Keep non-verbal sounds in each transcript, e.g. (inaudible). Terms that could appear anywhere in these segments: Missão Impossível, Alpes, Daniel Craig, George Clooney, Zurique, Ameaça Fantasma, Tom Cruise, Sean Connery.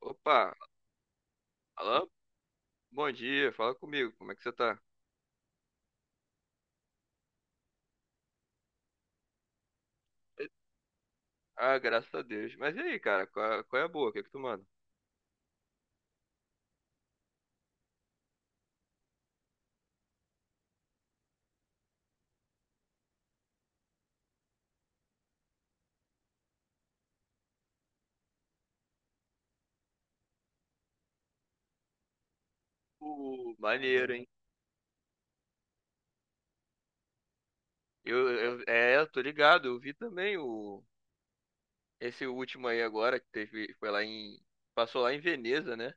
Opa, alô? Bom dia, fala comigo, como é que você tá? Ah, graças a Deus. Mas e aí, cara, qual é a boa? O que é que tu manda? Maneiro, hein? Eu, eu tô ligado, eu vi também o esse último aí agora que teve, passou lá em Veneza, né?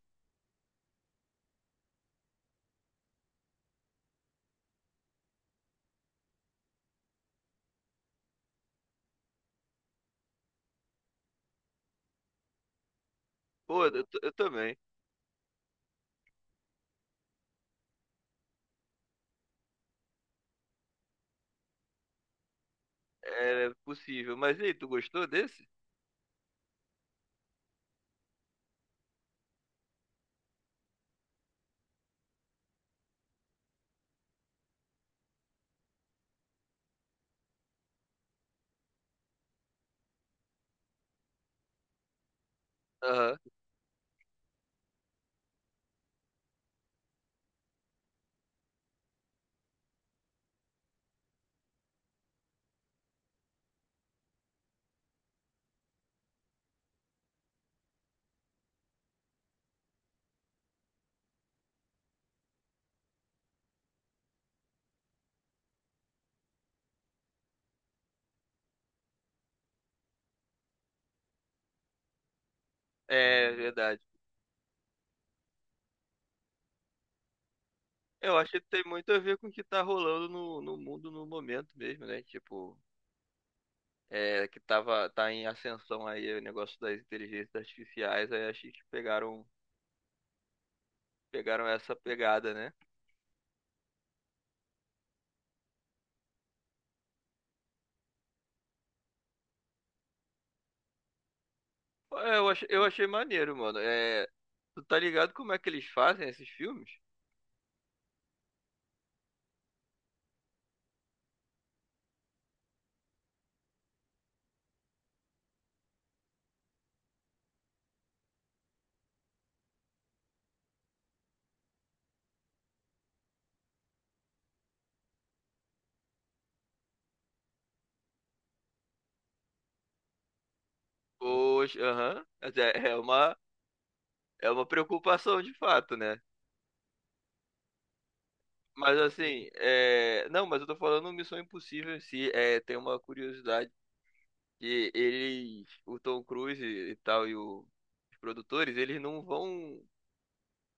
Pô, eu também. É possível. Mas e aí, tu gostou desse? Aham. É verdade. Eu acho que tem muito a ver com o que tá rolando no mundo no momento mesmo, né? Tipo, tá em ascensão aí o negócio das inteligências artificiais, aí acho que pegaram essa pegada, né? Pô, eu achei maneiro, mano. É, tu tá ligado como é que eles fazem esses filmes? Aham. Mas é uma preocupação de fato, né? Mas assim, não, mas eu tô falando Missão Impossível em si, tem uma curiosidade que eles, o Tom Cruise e tal, os produtores,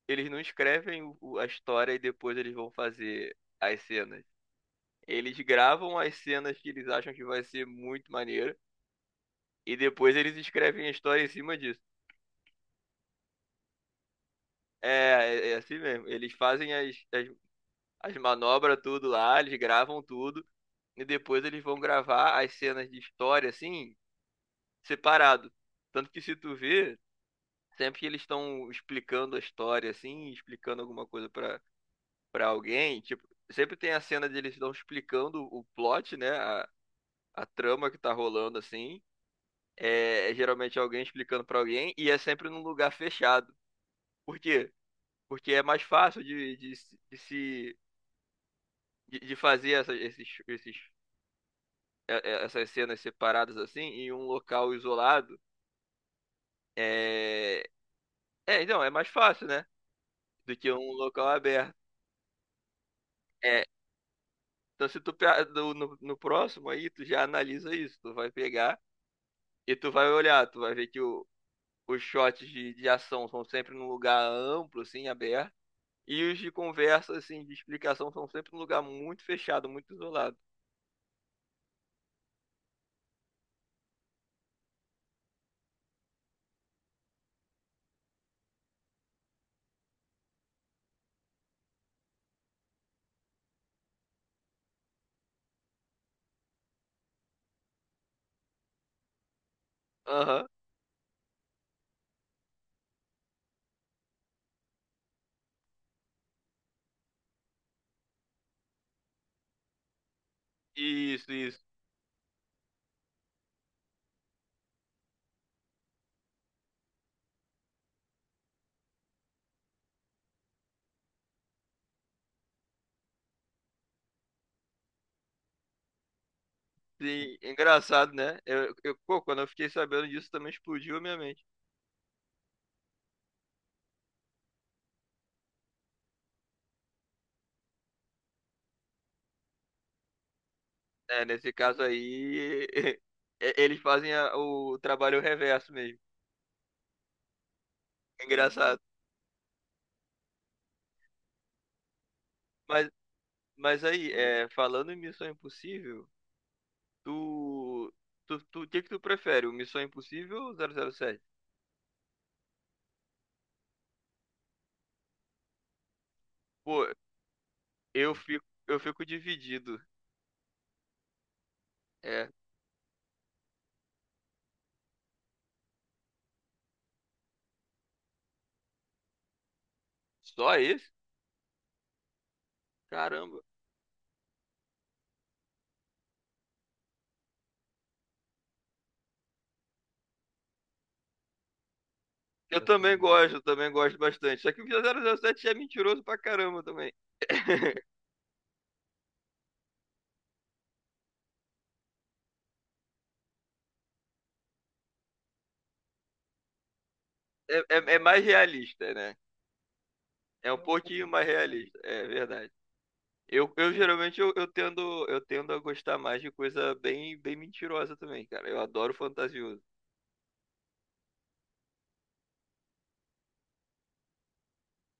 eles não escrevem a história e depois eles vão fazer as cenas. Eles gravam as cenas que eles acham que vai ser muito maneiro e depois eles escrevem a história em cima disso. É, é assim mesmo. Eles fazem as manobras tudo lá, eles gravam tudo e depois eles vão gravar as cenas de história assim, separado. Tanto que se tu vê, sempre que eles estão explicando a história assim, explicando alguma coisa pra alguém, tipo, sempre tem a cena de eles estão explicando o plot, né? A trama que tá rolando assim. É geralmente alguém explicando pra alguém e é sempre num lugar fechado. Por quê? Porque é mais fácil de, se- de se de, de fazer é- essas cenas separadas assim em um local isolado. É, então, é mais fácil, né? Do que um local aberto. É, então se no próximo aí, tu já analisa isso, tu vai pegar. E tu vai olhar, tu vai ver que os shots de ação são sempre num lugar amplo, assim, aberto. E os de conversa, assim, de explicação são sempre num lugar muito fechado, muito isolado. Aham. Isso, isso. Sim, engraçado, né? Pô, quando eu fiquei sabendo disso também explodiu a minha mente. É, nesse caso aí, (laughs) eles fazem o trabalho reverso mesmo. É engraçado. Mas, mas aí, falando em Missão Impossível, tu, o que que tu prefere, o Missão Impossível ou 007? Pô, eu fico dividido. É, Só esse? Caramba. Eu também gosto bastante. Só que o 007 é mentiroso pra caramba também. (laughs) É mais realista, né? É um pouquinho mais realista, é verdade. Eu geralmente eu tendo a gostar mais de coisa bem bem mentirosa também, cara. Eu adoro fantasioso.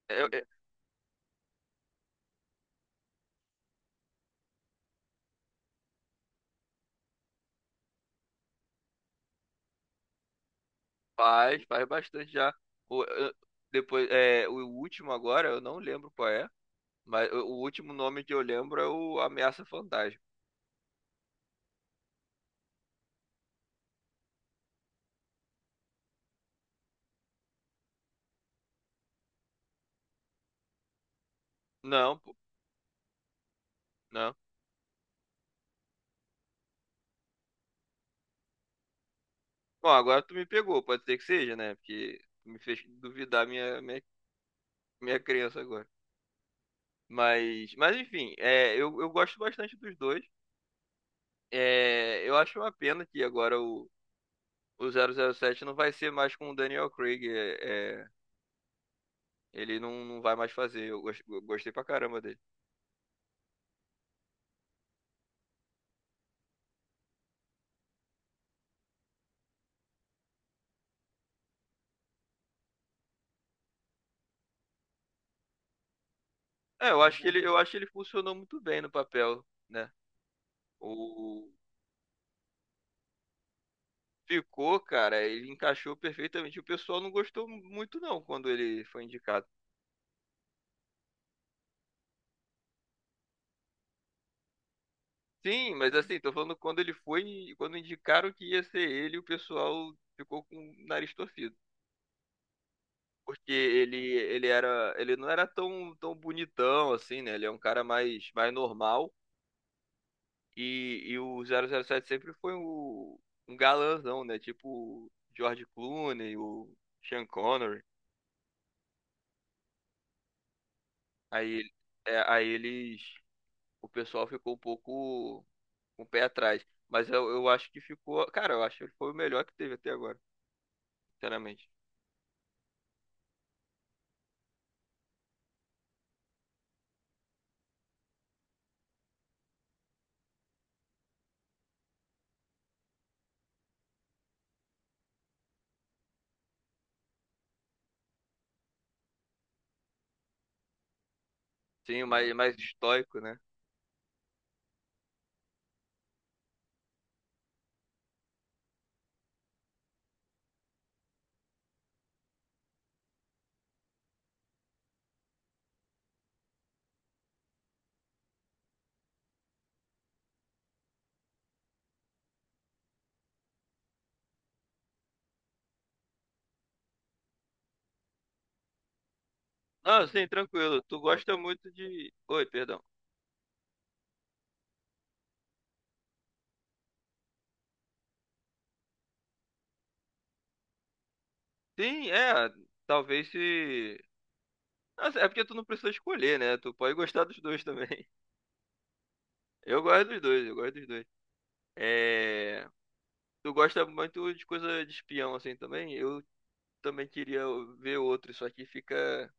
É, é- faz bastante já. O, eu- Depois, o último agora eu não lembro qual é. Mas o último nome que eu lembro é o Ameaça Fantasma. Não, pô, não. Bom, agora tu me pegou, pode ser que seja, né? Porque tu me fez duvidar minha crença agora. Mas enfim, eu gosto bastante dos dois. Eu acho uma pena que agora o 007 não vai ser mais com o Daniel Craig. Ele não vai mais fazer. Eu gostei pra caramba dele. É, eu acho que ele, eu acho que ele funcionou muito bem no papel, né? O, Ficou, cara, ele encaixou perfeitamente. O pessoal não gostou muito, não, quando ele foi indicado. Sim, mas assim, tô falando quando indicaram que ia ser ele, o pessoal ficou com o nariz torcido. Porque ele não era tão, tão bonitão assim, né? Ele é um cara mais normal. E o 007 sempre foi um galãzão, né? Tipo o George Clooney, o Sean Connery. Aí, é, aí eles, O pessoal ficou um pouco com o pé atrás. Mas eu acho que ficou. Cara, eu acho que ele foi o melhor que teve até agora, sinceramente. Sim, mais estoico, né? Ah, sim, tranquilo. Tu gosta muito de. Oi, perdão. Sim, é. Talvez se. Nossa, é porque tu não precisa escolher, né? Tu pode gostar dos dois também. (laughs) Eu gosto dos dois, eu gosto dos dois. É... Tu gosta muito de coisa de espião, assim, também? Eu também queria ver outro, só que fica.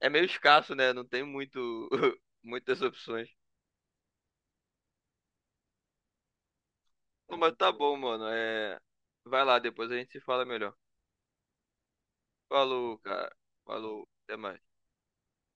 É meio escasso, né? Não tem muito. (laughs) Muitas opções. Pô, mas tá bom, mano. Vai lá, depois a gente se fala melhor. Falou, cara. Falou. Até mais.